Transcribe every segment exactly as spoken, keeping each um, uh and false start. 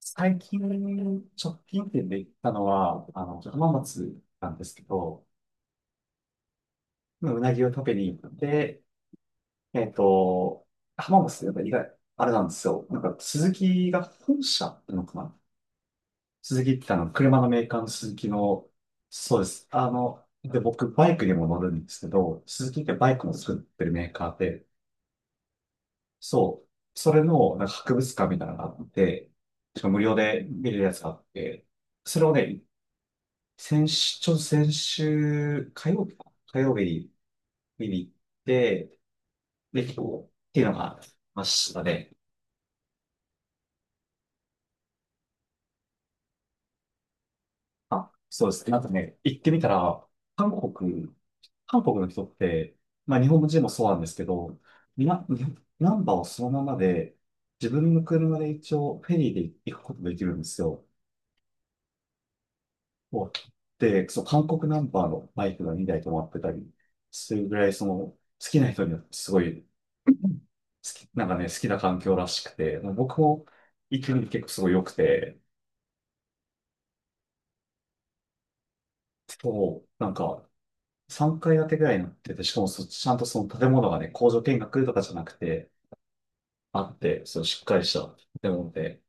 最近、直近店で行ったのは、あの、浜松なんですけど、うなぎを食べに行って、えっと、浜松ってやっぱ意外、あれなんですよ。なんか、スズキが本社ってのかな。スズキってあの、車のメーカーのスズキの、そうです。あの、で、僕、バイクにも乗るんですけど、スズキってバイクも作ってるメーカーで、そう、それの、なんか博物館みたいなのがあって、しかも無料で見れるやつがあって、それをね、先週、ちょうど先週、火曜日か、火曜日に見に行って、で、結構、っていうのがありましたね。あ、そうですね。なんかね、行ってみたら、韓国、韓国の人って、まあ日本人もそうなんですけど、な、ナンバーをそのままで、自分の車で一応フェリーで行くことができるんですよ。おで、そう、韓国ナンバーのバイクがにだい止まってたりするぐらい、その、好きな人にはすごいき、なんかね、好きな環境らしくて、僕も行きに結構すごい良くて、そう、なんかさんかい建てぐらいになってて、しかもそ、ちゃんとその建物がね、工場見学とかじゃなくて、あって、そう、しっかりした建物で。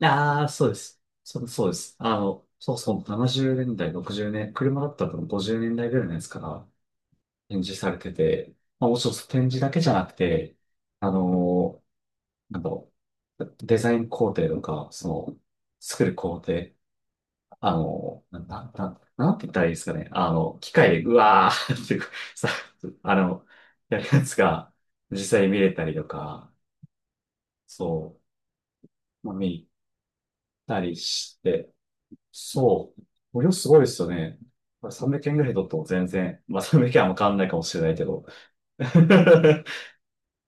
ああ、そうです。そ、そうです。あの、そうそう、ななじゅうねんだい、ろくじゅうねん、車だったら多分ごじゅうねんだいぐらいのやつから展示されてて、まあ、もちろんその展示だけじゃなくて、あのーなんだろう、デザイン工程とか、その、作る工程、あの、な、な、ななんて言ったらいいですかね。あの、機械でうわーってさ、あの、やるやつが 実際に見れたりとか、そう、まあ、見たりして、そう、無料すごいですよね。これさんびゃくえんぐらい取っても全然、まあさんびゃくえんはもう変わんないかもしれないけど。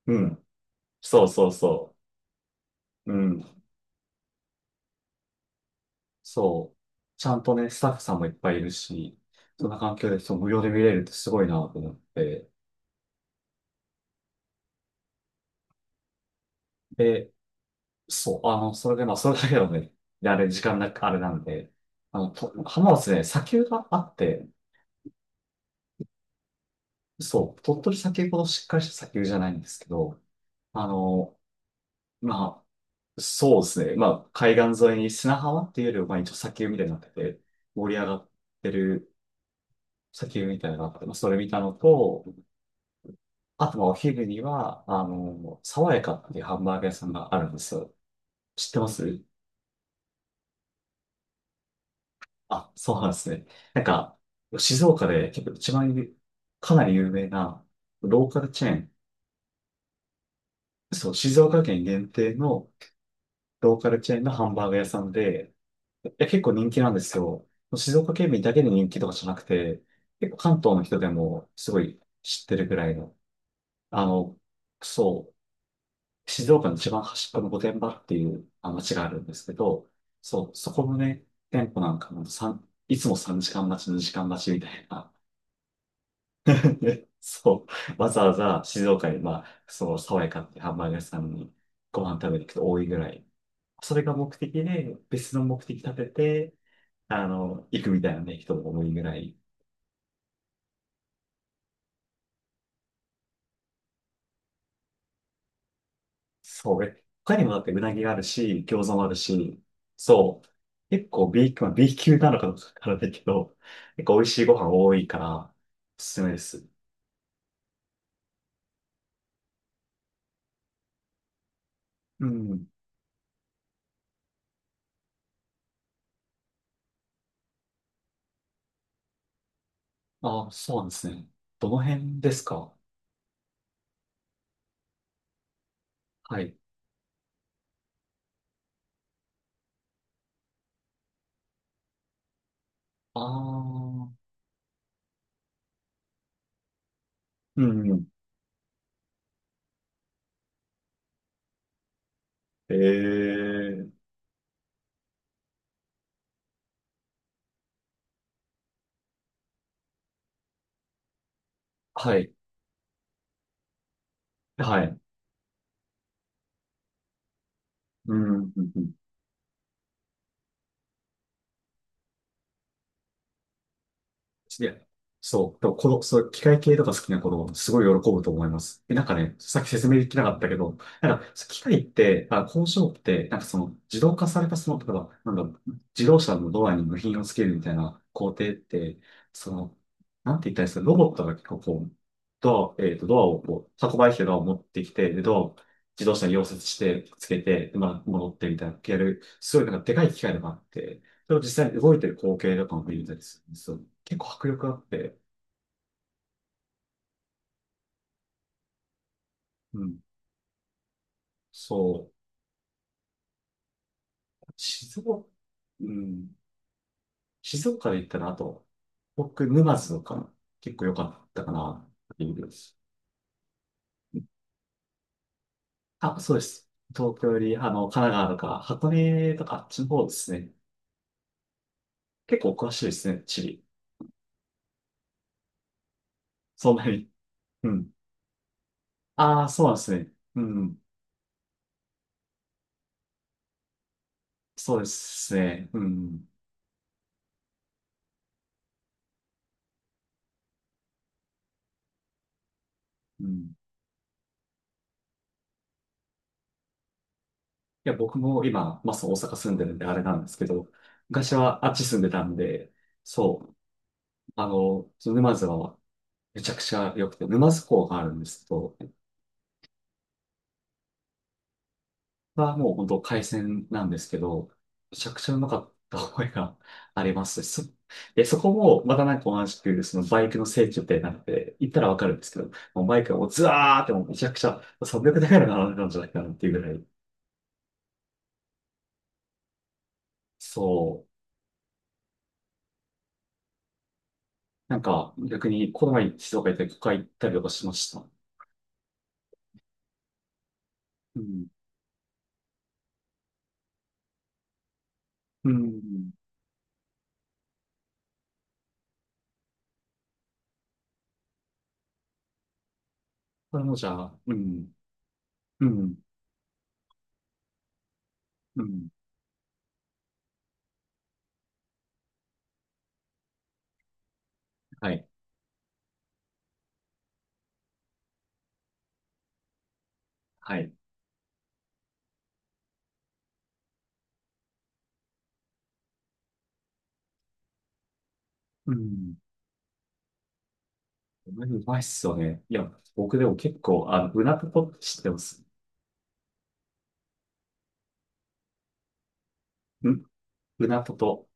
うん。そうそうそう。うん。そう。ちゃんとね、スタッフさんもいっぱいいるし、そんな環境でそう無料で見れるってすごいなと思って。で、そう、あの、それで、まあ、それだけのね、であれ、時間なく、あれなんで、あの、と浜松ね、砂丘があって、そう、鳥取砂丘ほどしっかりした砂丘じゃないんですけど、あの、まあ、そうですね、まあ、海岸沿いに砂浜っていうよりは、まあ、一応砂丘みたいになってて、盛り上がってる砂丘みたいなのがあって、まあ、それ見たのと、あと、まあ、お昼には、あの、爽やかっていうハンバーガー屋さんがあるんですよ。知ってますあ、そうなんですね。なんか、静岡で結構一番有かなり有名なローカルチェーン、そう、静岡県限定のローカルチェーンのハンバーガー屋さんで、いや結構人気なんですよ。静岡県民だけで人気とかじゃなくて、結構関東の人でもすごい知ってるぐらいの、あの、そう、静岡の一番端っこの御殿場っていうあ町があるんですけど、そう、そこのね、店舗なんかもさんいつもさんじかん待ち、にじかん待ちみたいな、ねそう。わざわざ静岡に、まあ、その爽やかってハンバーガー屋さんにご飯食べに行くと多いぐらい。それが目的で、別の目的立てて、あの、行くみたいなね、人も多いぐらい。そう。え他にもだってうなぎがあるし、餃子もあるし、そう。結構 B 級、まあ、B 級なのかどうかわからないけど、結構美味しいご飯多いから、おすすめです。うん。ああ、そうなんですね。どの辺ですか？はい。ああ。うんうん。ええはい。はい。うん。うんうん。で、そう。でも、この、そう、機械系とか好きな子供、すごい喜ぶと思います。で、なんかね、さっき説明できなかったけど、なんか、機械って、あ、工場って、なんかその、自動化されたその、例えば、なんか、自動車のドアに部品をつけるみたいな工程って、その、なんて言ったらいいですか、ロボットが結構こう、ドア、えっと、ドアをこう、運ばれてきたドアを持ってきて、で、ドアを自動車に溶接して、つけて、で、まあ、戻ってみたいな、やる、すごいなんかでかい機械とかあって、それを実際に動いてる光景とかも見れたりするんですよ。結構迫力あって、うん。そう、静岡、うん、静岡で行ったら、あと、僕、沼津とか、結構良かったかな、っていうです。あ、そうです。東京より、あの、神奈川とか、箱根とか、あっちの方ですね。結構お詳しいですね、地理。そんなに。うん。ああ、そうなんですね。うん。そうですね。うん。うん。いや、僕も今、まあ、そう大阪住んでるんで、あれなんですけど、昔はあっち住んでたんで、そう。あの、その沼津はめちゃくちゃ良くて、沼津港があるんですけど、はもう本当海鮮なんですけど、めちゃくちゃうまかった覚えがあります。そ、で、そこもまたなんか同じく、そのバイクの聖地みたいになって、行ったらわかるんですけど、もうバイクがもうズワーってもうめちゃくちゃさんびゃくだいぐらい並んでたんじゃないかなっていうぐらい。そう。なんか逆にこの前に静岡行ったり、ここ行ったりとかしました。うん。うん。これもじゃあ、うん。うん。うん。はい。はい。うん。うまいっすよね。いや、僕でも結構、あの、うなとぽって知ってます。うん、うなとと。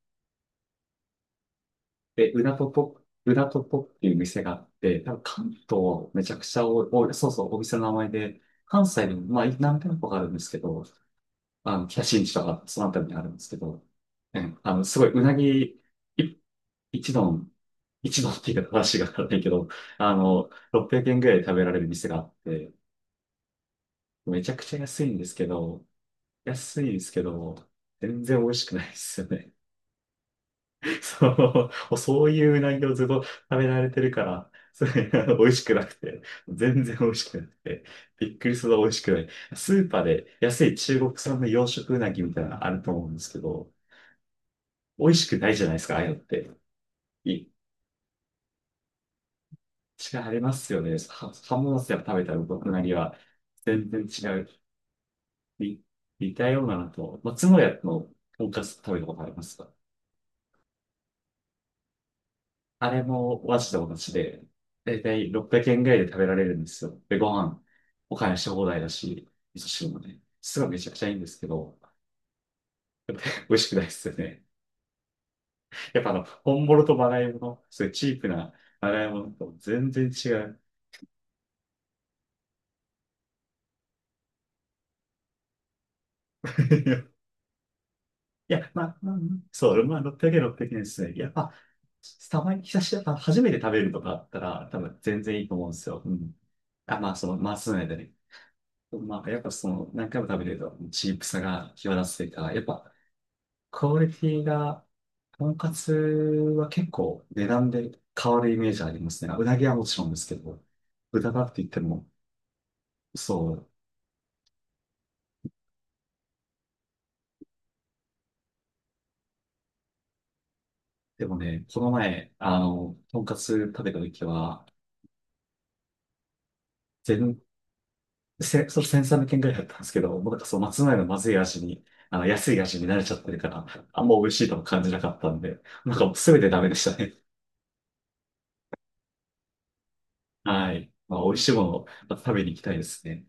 え、うなとぽ、うなとぽっていう店があって、多分関東めちゃくちゃ多い、多いそうそう、お店の名前で、関西でも、まあ、何店舗かあるんですけど、あの、北新地とか、そのあたりにあるんですけど、うあの、すごい、うなぎ、い一丼、一丼っていうか話がわからないけど、あの、ろっぴゃくえんぐらいで食べられる店があって、めちゃくちゃ安いんですけど、安いですけど、全然美味しくないですよね。そう、そういううなぎをずっと食べられてるから、それあの 美味しくなくて、全然美味しくなくて、びっくりするほど美味しくない。スーパーで安い中国産の養殖うなぎみたいなのあると思うんですけど、美味しくないじゃないですか、ああいうのって。い、違いありますよね。は浜松やっぱ食べたうなぎは全然違う。に似たようなのと、松野屋のとんかつ食べたことありますか？あれもマジで同じで、だいたいろっぴゃくえんぐらいで食べられるんですよ。で、ご飯、おかわりして放題だし、味噌汁もね、すごいめちゃくちゃいいんですけど、美味しくないですよね。やっぱあの、本物とまがいもの、そういうチープなまがいものと全然違う。いや、まあ、まあそう、まあ、ろっぴゃくえん、ろっぴゃくえんですね。やっぱ、たまに久しぶりだったら初めて食べるとかあったら、多分全然いいと思うんですよ。うん。あ、まあ、その、まあ、そうね。まあ、やっぱその、何回も食べてると、チープさが際立つというか、やっぱ、クオリティが、とんかつは結構値段で変わるイメージありますね。うなぎはもちろんですけど、豚だって言っても、そう。でもね、この前、あの、とんかつ食べた時は、全、せ、そう、せん さんびゃく えんぐらいだったんですけど、もうなんかそう、松前のまずい味に、あの、安い味に慣れちゃってるから、あんま美味しいとも感じなかったんで、なんかもう全てダメでしたね。はい。まあ、美味しいものをまた食べに行きたいですね。